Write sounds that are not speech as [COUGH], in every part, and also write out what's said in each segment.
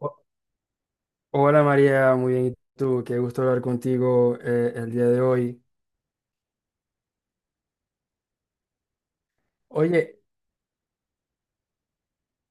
Ho- Hola María, muy bien. ¿Y tú? ¡Qué gusto hablar contigo el día de hoy! Oye,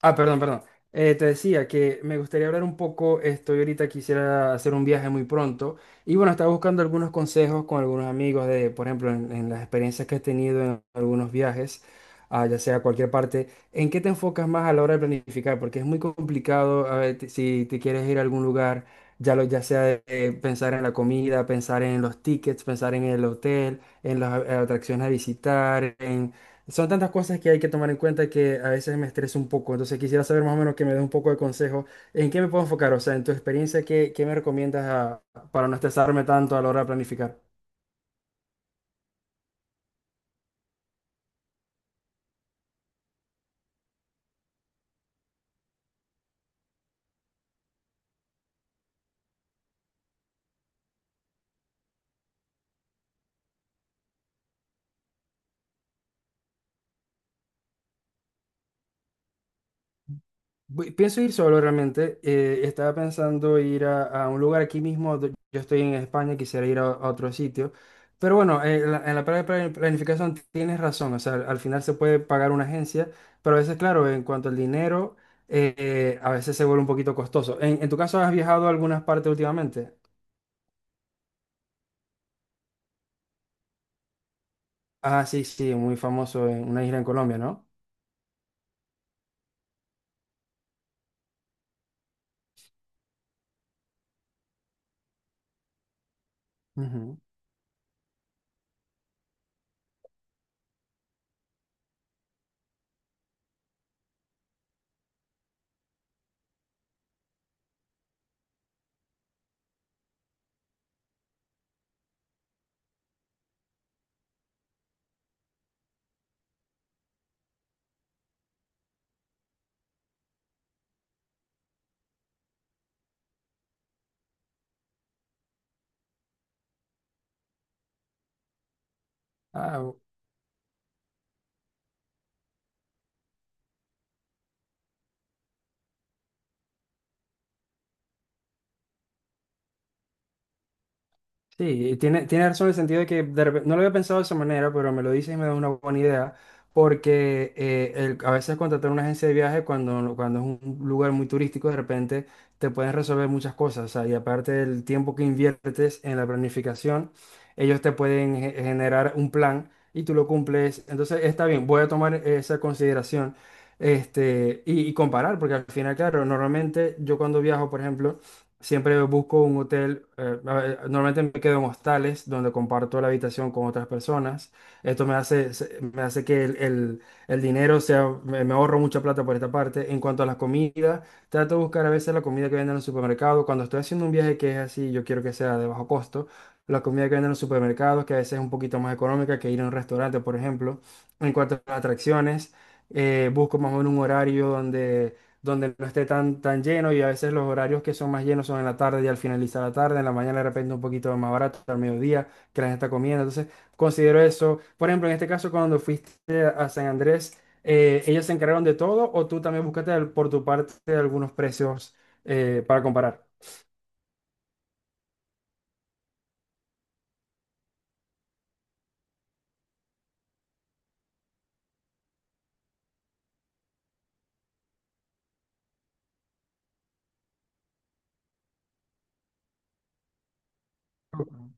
Ah, perdón, perdón. Te decía que me gustaría hablar un poco, estoy ahorita quisiera hacer un viaje muy pronto. Y bueno, estaba buscando algunos consejos con algunos amigos de, por ejemplo, en las experiencias que he tenido en algunos viajes, ya sea a cualquier parte. ¿En qué te enfocas más a la hora de planificar? Porque es muy complicado. A ver, si te quieres ir a algún lugar, ya, lo, ya sea de- pensar en la comida, pensar en los tickets, pensar en el hotel, en las atracciones a visitar. Son tantas cosas que hay que tomar en cuenta que a veces me estreso un poco. Entonces quisiera saber más o menos que me des un poco de consejo. ¿En qué me puedo enfocar? O sea, en tu experiencia, ¿qué me recomiendas para no estresarme tanto a la hora de planificar? Pienso ir solo realmente. Estaba pensando ir a un lugar aquí mismo. Yo estoy en España, quisiera ir a otro sitio. Pero bueno, en la parte de planificación tienes razón. O sea, al final se puede pagar una agencia, pero a veces, claro, en cuanto al dinero, a veces se vuelve un poquito costoso. En tu caso, ¿has viajado a algunas partes últimamente? Ah, sí, sí, muy famoso, en una isla en Colombia, ¿no? Ujú. Sí, tiene razón en el sentido de que no lo había pensado de esa manera, pero me lo dices y me da una buena idea, porque a veces contratar una agencia de viaje cuando, no, cuando es un lugar muy turístico, de repente te pueden resolver muchas cosas. O sea, y aparte del tiempo que inviertes en la planificación, ellos te pueden generar un plan y tú lo cumples. Entonces, está bien, voy a tomar esa consideración, este, y comparar, porque al final, claro, normalmente yo cuando viajo, por ejemplo. Siempre busco un hotel. A ver, normalmente me quedo en hostales donde comparto la habitación con otras personas. Esto me hace que el dinero sea, me ahorro mucha plata por esta parte. En cuanto a las comidas, trato de buscar a veces la comida que venden en el supermercado. Cuando estoy haciendo un viaje que es así, yo quiero que sea de bajo costo. La comida que venden en los supermercados, que a veces es un poquito más económica que ir a un restaurante, por ejemplo. En cuanto a las atracciones, busco más o menos un horario donde no esté tan, tan lleno, y a veces los horarios que son más llenos son en la tarde y al finalizar la tarde; en la mañana de repente un poquito más barato, al mediodía que la gente está comiendo. Entonces, considero eso. Por ejemplo, en este caso, cuando fuiste a San Andrés. ¿Ellos se encargaron de todo o tú también buscaste por tu parte algunos precios para comparar? Ujú.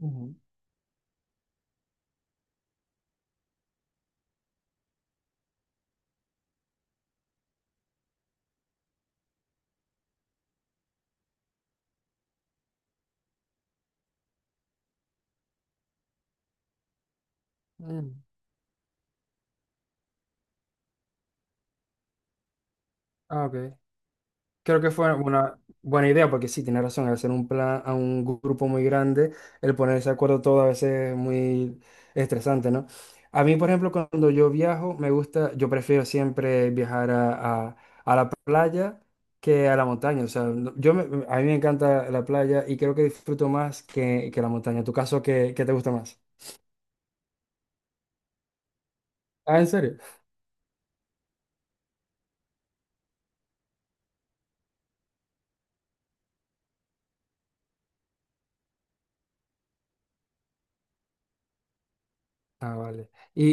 Ujú. Mm. Ah, ok. Creo que fue una buena idea, porque sí, tiene razón, al hacer un plan a un grupo muy grande, el ponerse de acuerdo todo a veces es muy estresante, ¿no? A mí, por ejemplo, cuando yo viajo, me gusta, yo prefiero siempre viajar a la playa que a la montaña. O sea, a mí me encanta la playa y creo que disfruto más que la montaña. ¿En tu caso, qué te gusta más? Ah, ¿en serio? Ah, vale. Y,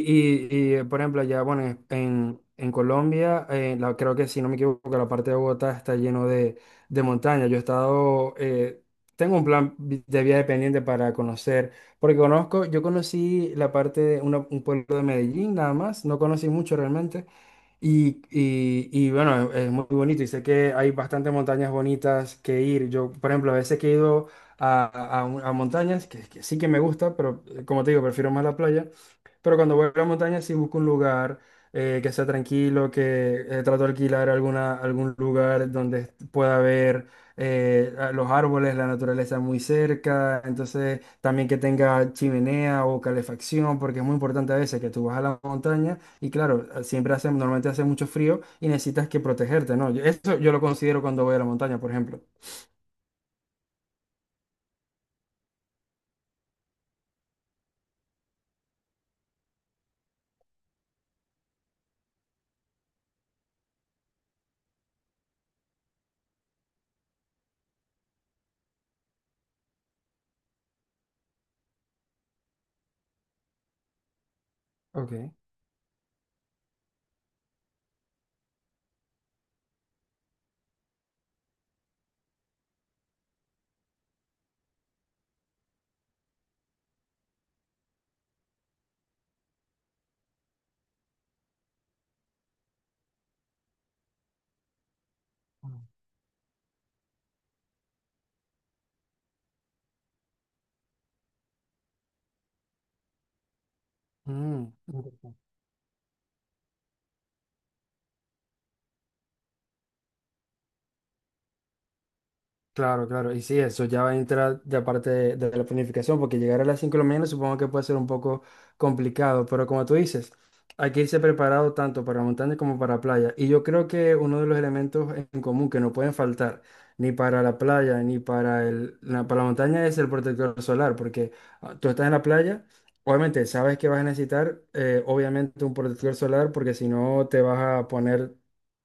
y, y, por ejemplo, ya, bueno, en Colombia, creo que si no me equivoco, la parte de Bogotá está lleno de montañas. Yo he estado, tengo un plan de viaje pendiente para conocer, porque yo conocí la parte de un pueblo de Medellín nada más. No conocí mucho realmente. Y bueno, es muy bonito y sé que hay bastantes montañas bonitas que ir. Yo, por ejemplo, a veces que he ido a, a montañas, que sí que me gusta, pero como te digo, prefiero más la playa. Pero cuando voy a la montaña sí busco un lugar que sea tranquilo, que trato de alquilar algún lugar donde pueda ver los árboles, la naturaleza muy cerca. Entonces también que tenga chimenea o calefacción, porque es muy importante a veces que tú vas a la montaña y claro, siempre hace, normalmente hace mucho frío y necesitas que protegerte, ¿no? Eso yo lo considero cuando voy a la montaña, por ejemplo. Ok. Mm, claro, claro. Y sí, eso ya va a entrar de parte de la planificación, porque llegar a las 5 de la mañana supongo que puede ser un poco complicado, pero como tú dices, hay que irse preparado tanto para montaña como para playa. Y yo creo que uno de los elementos en común que no pueden faltar ni para la playa ni para la montaña es el protector solar, porque tú estás en la playa, obviamente sabes que vas a necesitar, obviamente, un protector solar, porque si no te vas a poner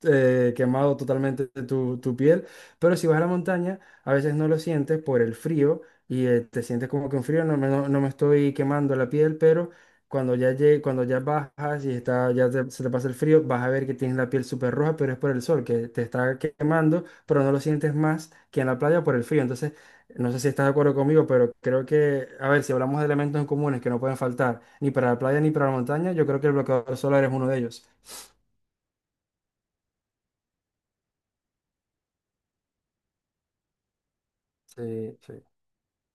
quemado totalmente tu piel. Pero si vas a la montaña, a veces no lo sientes por el frío, y te sientes como que un frío, no me estoy quemando la piel, pero cuando ya bajas y está, ya se te pasa el frío, vas a ver que tienes la piel súper roja, pero es por el sol, que te está quemando, pero no lo sientes más que en la playa por el frío. Entonces, no sé si estás de acuerdo conmigo, pero creo que, a ver, si hablamos de elementos en comunes que no pueden faltar ni para la playa ni para la montaña, yo creo que el bloqueador solar es uno de ellos. Sí, sí,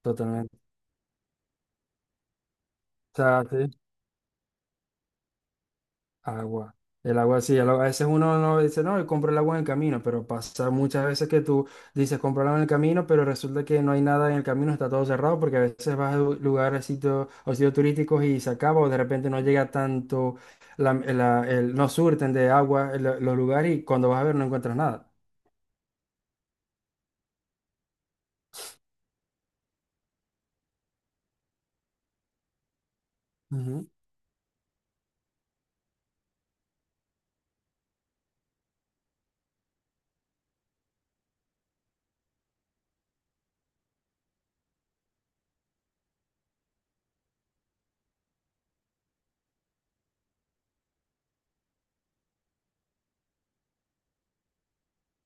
totalmente. O sea, sí. Agua. El agua sí, a veces uno no dice, no, yo compro el agua en el camino, pero pasa muchas veces que tú dices, compro el agua en el camino, pero resulta que no hay nada en el camino, está todo cerrado, porque a veces vas a lugares, sitios o sitios turísticos, y se acaba, o de repente no llega tanto, no surten de agua los lugares, y cuando vas a ver no encuentras nada.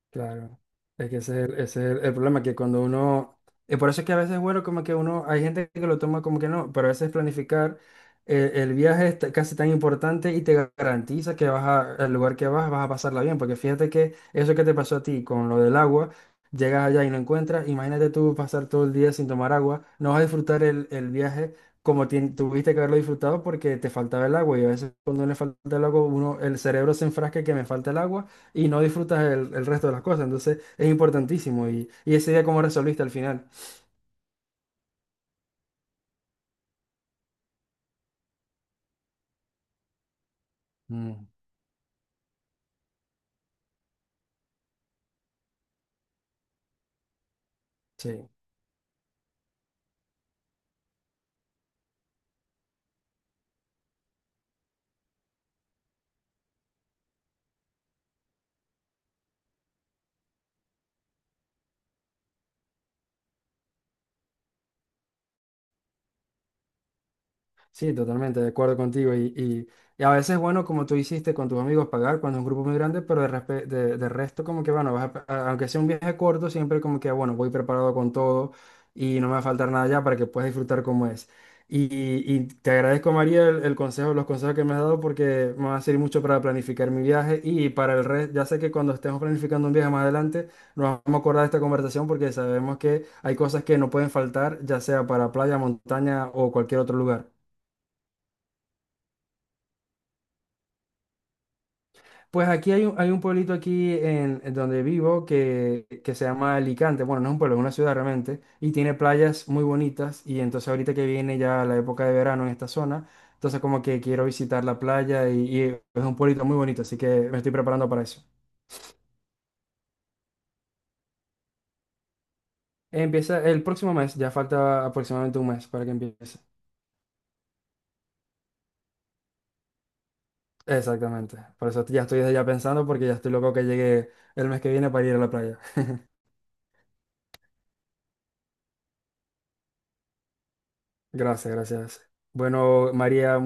Claro, es que ese es el problema, que cuando uno, y por eso es que a veces, bueno, como que uno, hay gente que lo toma como que no, pero a veces planificar el viaje es casi tan importante, y te garantiza que al lugar que vas a pasarla bien, porque fíjate que eso que te pasó a ti con lo del agua, llegas allá y no encuentras. Imagínate tú pasar todo el día sin tomar agua, no vas a disfrutar el viaje como tuviste que haberlo disfrutado porque te faltaba el agua, y a veces cuando no le falta el agua, uno, el cerebro se enfrasca que me falta el agua y no disfrutas el resto de las cosas. Entonces es importantísimo. Y, ¿y ese día cómo resolviste al final? Mm. Sí. Sí, totalmente, de acuerdo contigo. A veces, bueno, como tú hiciste con tus amigos, pagar cuando es un grupo muy grande, pero de resto, como que, bueno, aunque sea un viaje corto, siempre como que, bueno, voy preparado con todo y no me va a faltar nada ya para que puedas disfrutar como es. Y te agradezco, María, el consejo, los consejos que me has dado porque me va a servir mucho para planificar mi viaje y para el resto. Ya sé que cuando estemos planificando un viaje más adelante, nos vamos a acordar de esta conversación porque sabemos que hay cosas que no pueden faltar, ya sea para playa, montaña o cualquier otro lugar. Pues aquí hay un, pueblito aquí en donde vivo, que se llama Alicante. Bueno, no es un pueblo, es una ciudad realmente. Y tiene playas muy bonitas. Y entonces ahorita que viene ya la época de verano en esta zona, entonces como que quiero visitar la playa, y es un pueblito muy bonito. Así que me estoy preparando para eso. Empieza el próximo mes, ya falta aproximadamente un mes para que empiece. Exactamente. Por eso ya estoy desde ya pensando, porque ya estoy loco que llegue el mes que viene para ir a la playa. [LAUGHS] Gracias, gracias. Bueno, María.